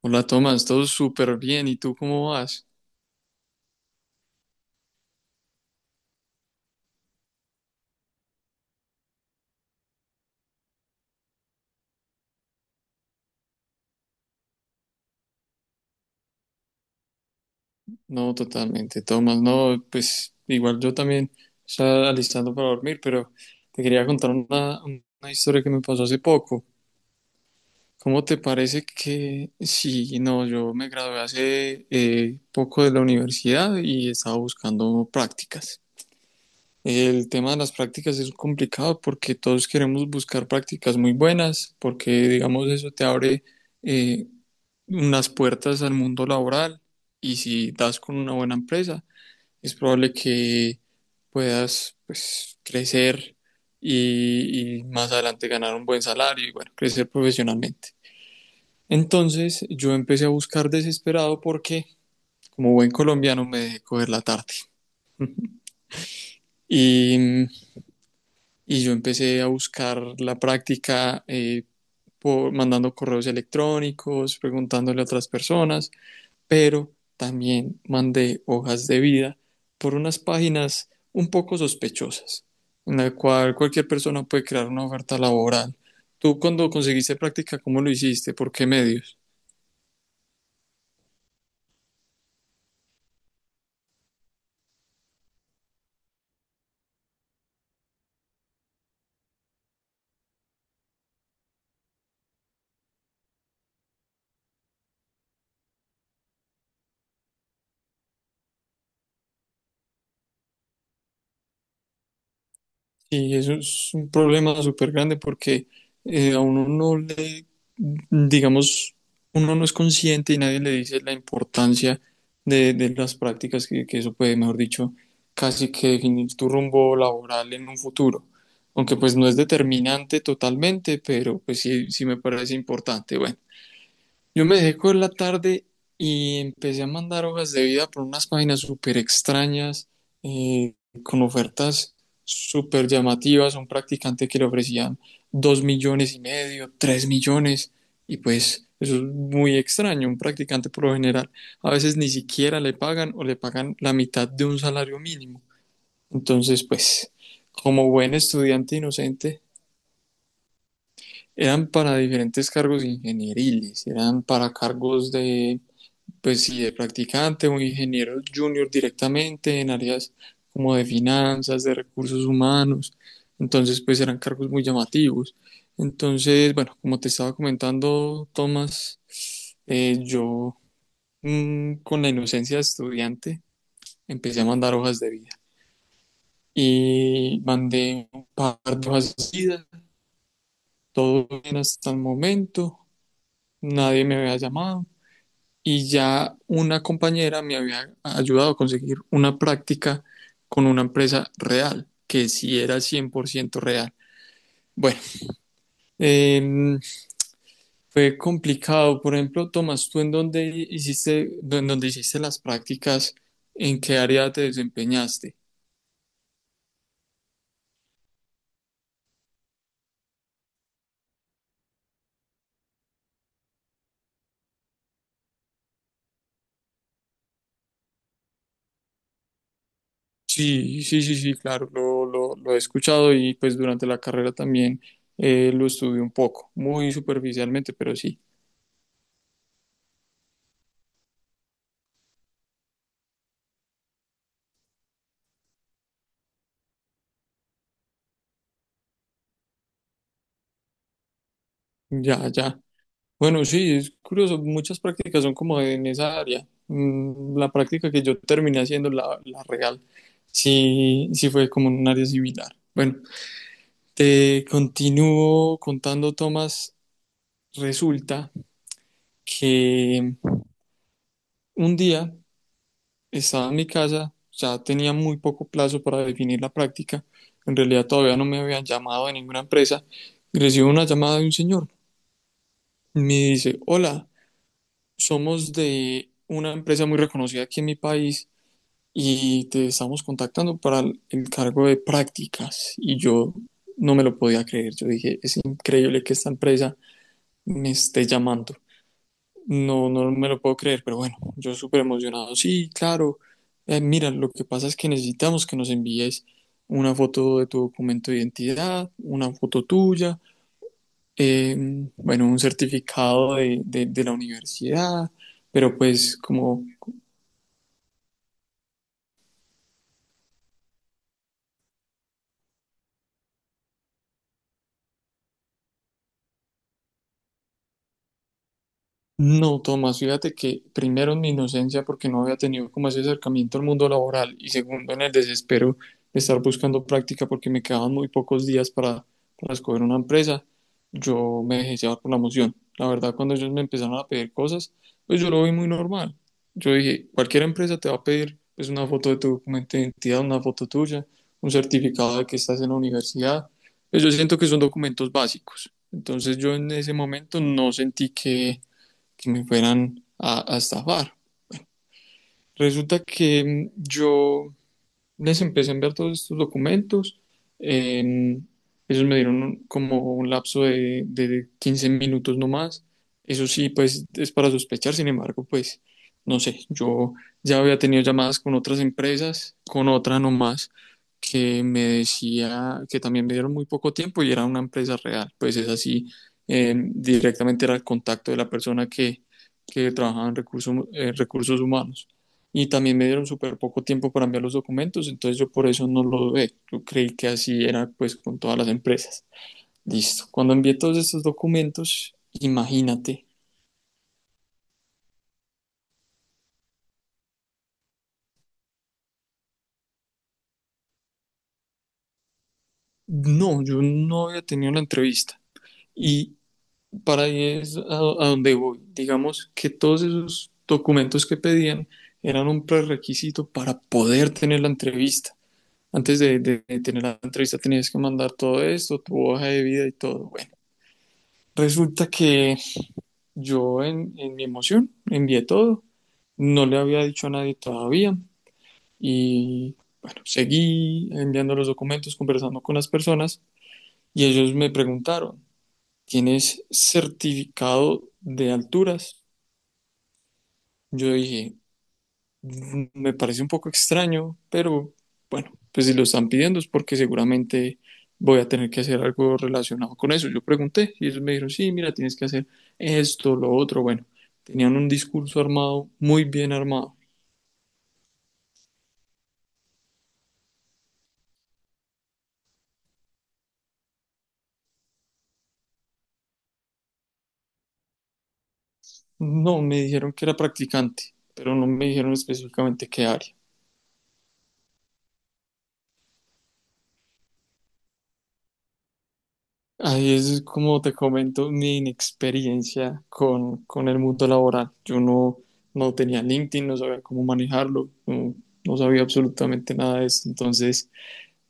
Hola Tomás, todo súper bien. ¿Y tú cómo vas? No, totalmente, Tomás. No, pues igual yo también estaba alistando para dormir, pero te quería contar una historia que me pasó hace poco. ¿Cómo te parece que sí? No, yo me gradué hace poco de la universidad y estaba buscando prácticas. El tema de las prácticas es complicado porque todos queremos buscar prácticas muy buenas, porque digamos eso te abre... eh, unas puertas al mundo laboral y si das con una buena empresa, es probable que puedas, pues, crecer y más adelante ganar un buen salario y, bueno, crecer profesionalmente. Entonces yo empecé a buscar desesperado porque, como buen colombiano, me dejé coger la tarde y, y yo empecé a buscar la práctica por, mandando correos electrónicos, preguntándole a otras personas, pero también mandé hojas de vida por unas páginas un poco sospechosas, en la cual cualquier persona puede crear una oferta laboral. Tú, cuando conseguiste práctica, ¿cómo lo hiciste? ¿Por qué medio? Y eso es un problema súper grande porque a uno no le, digamos, uno no es consciente y nadie le dice la importancia de las prácticas, que eso puede, mejor dicho, casi que definir tu rumbo laboral en un futuro. Aunque, pues, no es determinante totalmente, pero pues sí, sí me parece importante. Bueno. Yo me dejé coger la tarde y empecé a mandar hojas de vida por unas páginas súper extrañas, eh, con ofertas súper llamativas. Un practicante que le ofrecían 2,5 millones, 3 millones, y pues eso es muy extraño. Un practicante, por lo general, a veces ni siquiera le pagan o le pagan la mitad de un salario mínimo. Entonces, pues, como buen estudiante inocente, eran para diferentes cargos ingenieriles, eran para cargos de, pues sí, de practicante o ingeniero junior directamente en áreas como de finanzas, de recursos humanos. Entonces, pues, eran cargos muy llamativos. Entonces, bueno, como te estaba comentando, Tomás, yo, con la inocencia de estudiante, empecé a mandar hojas de vida y mandé un par de hojas de vida, todo bien hasta el momento, nadie me había llamado y ya una compañera me había ayudado a conseguir una práctica con una empresa real, que sí era 100% real. Bueno, em, fue complicado. Por ejemplo, Tomás, ¿tú en dónde hiciste las prácticas? ¿En qué área te desempeñaste? Sí, sí, sí, sí, claro, lo he escuchado y, pues, durante la carrera también lo estudié un poco, muy superficialmente, pero sí, ya, ya. Bueno, sí, es curioso, muchas prácticas son como en esa área. La práctica que yo terminé haciendo, la real, sí, sí fue como en un área similar. Bueno, te continúo contando, Tomás. Resulta que un día estaba en mi casa, ya tenía muy poco plazo para definir la práctica. En realidad, todavía no me habían llamado de ninguna empresa. Y recibo una llamada de un señor. Me dice, hola, somos de una empresa muy reconocida aquí en mi país y te estamos contactando para el cargo de prácticas. Y yo no me lo podía creer. Yo dije, es increíble que esta empresa me esté llamando. No, no me lo puedo creer, pero bueno, yo súper emocionado. Sí, claro. Mira, lo que pasa es que necesitamos que nos envíes una foto de tu documento de identidad, una foto tuya, eh, bueno, un certificado de la universidad, pero pues como... No, Tomás, fíjate que primero en mi inocencia, porque no había tenido como ese acercamiento al mundo laboral, y segundo en el desespero de estar buscando práctica porque me quedaban muy pocos días para escoger una empresa, yo me dejé llevar por la emoción. La verdad, cuando ellos me empezaron a pedir cosas, pues yo lo vi muy normal. Yo dije, cualquier empresa te va a pedir, pues, una foto de tu documento de identidad, una foto tuya, un certificado de que estás en la universidad. Pues yo siento que son documentos básicos. Entonces yo en ese momento no sentí que me fueran a estafar. Resulta que yo les empecé a enviar todos estos documentos. eh, Ellos me dieron como un lapso de 15 minutos, no más. Eso sí, pues es para sospechar. Sin embargo, pues no sé, yo ya había tenido llamadas con otras empresas, con otra nomás, que me decía, que también me dieron muy poco tiempo y era una empresa real. Pues es así, directamente era el contacto de la persona que trabajaba en recursos, recursos humanos, y también me dieron súper poco tiempo para enviar los documentos, entonces yo por eso no lo dudé. Yo creí que así era, pues, con todas las empresas. Listo. Cuando envié todos estos documentos, imagínate, no, yo no había tenido la entrevista. Y para ahí es a donde voy. Digamos que todos esos documentos que pedían eran un prerequisito para poder tener la entrevista. Antes de tener la entrevista tenías que mandar todo esto, tu hoja de vida y todo. Bueno, resulta que yo, en mi emoción, envié todo, no le había dicho a nadie todavía y, bueno, seguí enviando los documentos, conversando con las personas, y ellos me preguntaron, ¿tienes certificado de alturas? Yo dije, me parece un poco extraño, pero bueno, pues si lo están pidiendo es porque seguramente voy a tener que hacer algo relacionado con eso. Yo pregunté y ellos me dijeron, sí, mira, tienes que hacer esto, lo otro. Bueno, tenían un discurso armado, muy bien armado. No, me dijeron que era practicante, pero no me dijeron específicamente qué área. Ahí es como te comento mi inexperiencia con el mundo laboral. Yo no tenía LinkedIn, no sabía cómo manejarlo, no sabía absolutamente nada de eso. Entonces,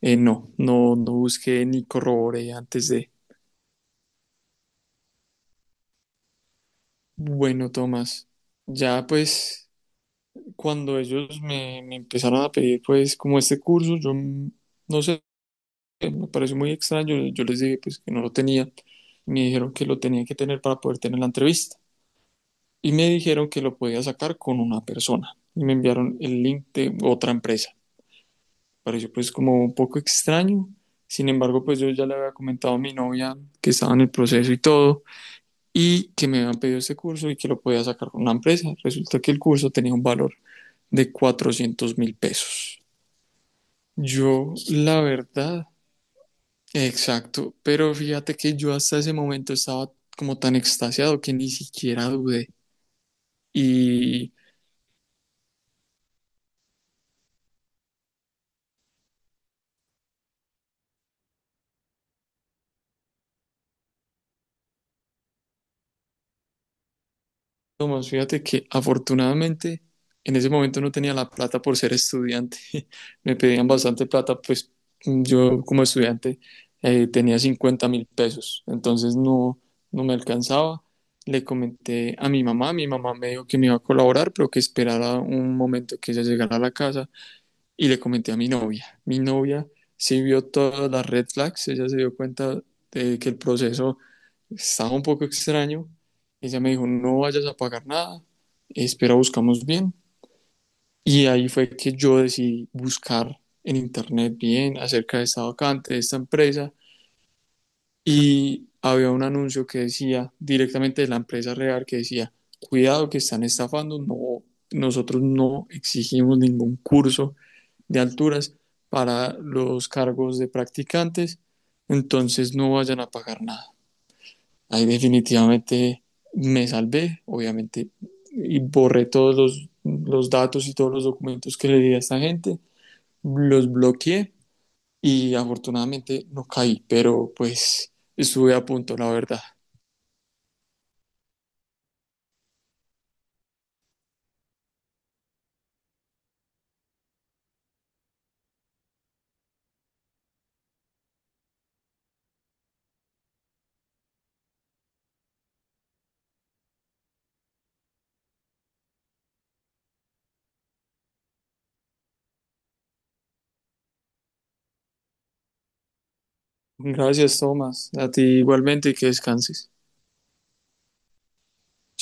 no busqué ni corroboré antes de. Bueno, Tomás, ya pues cuando ellos me empezaron a pedir, pues, como este curso, yo, no sé, me pareció muy extraño. Yo les dije pues que no lo tenía. Me dijeron que lo tenía que tener para poder tener la entrevista. Y me dijeron que lo podía sacar con una persona y me enviaron el link de otra empresa. Pareció pues como un poco extraño, sin embargo pues yo ya le había comentado a mi novia que estaba en el proceso y todo, y que me habían pedido este curso y que lo podía sacar con una empresa. Resulta que el curso tenía un valor de 400.000 pesos. Yo, la verdad, exacto, pero fíjate que yo hasta ese momento estaba como tan extasiado que ni siquiera dudé. Y Tomás, fíjate que afortunadamente en ese momento no tenía la plata por ser estudiante. Me pedían bastante plata, pues, yo como estudiante tenía 50.000 pesos, entonces no me alcanzaba. Le comenté a mi mamá me dijo que me iba a colaborar, pero que esperara un momento, que ella llegara a la casa. Y le comenté a mi novia. Mi novia sí vio todas las red flags, ella se dio cuenta de que el proceso estaba un poco extraño. Ella me dijo, no vayas a pagar nada, espera, buscamos bien. Y ahí fue que yo decidí buscar en internet bien acerca de esta vacante, de esta empresa. Y había un anuncio que decía directamente de la empresa real, que decía, cuidado que están estafando, no, nosotros no exigimos ningún curso de alturas para los cargos de practicantes, entonces no vayan a pagar nada. Ahí definitivamente me salvé, obviamente, y borré todos los datos y todos los documentos que le di a esta gente, los bloqueé, y afortunadamente no caí, pero pues estuve a punto, la verdad. Gracias, Tomás. A ti igualmente y que descanses.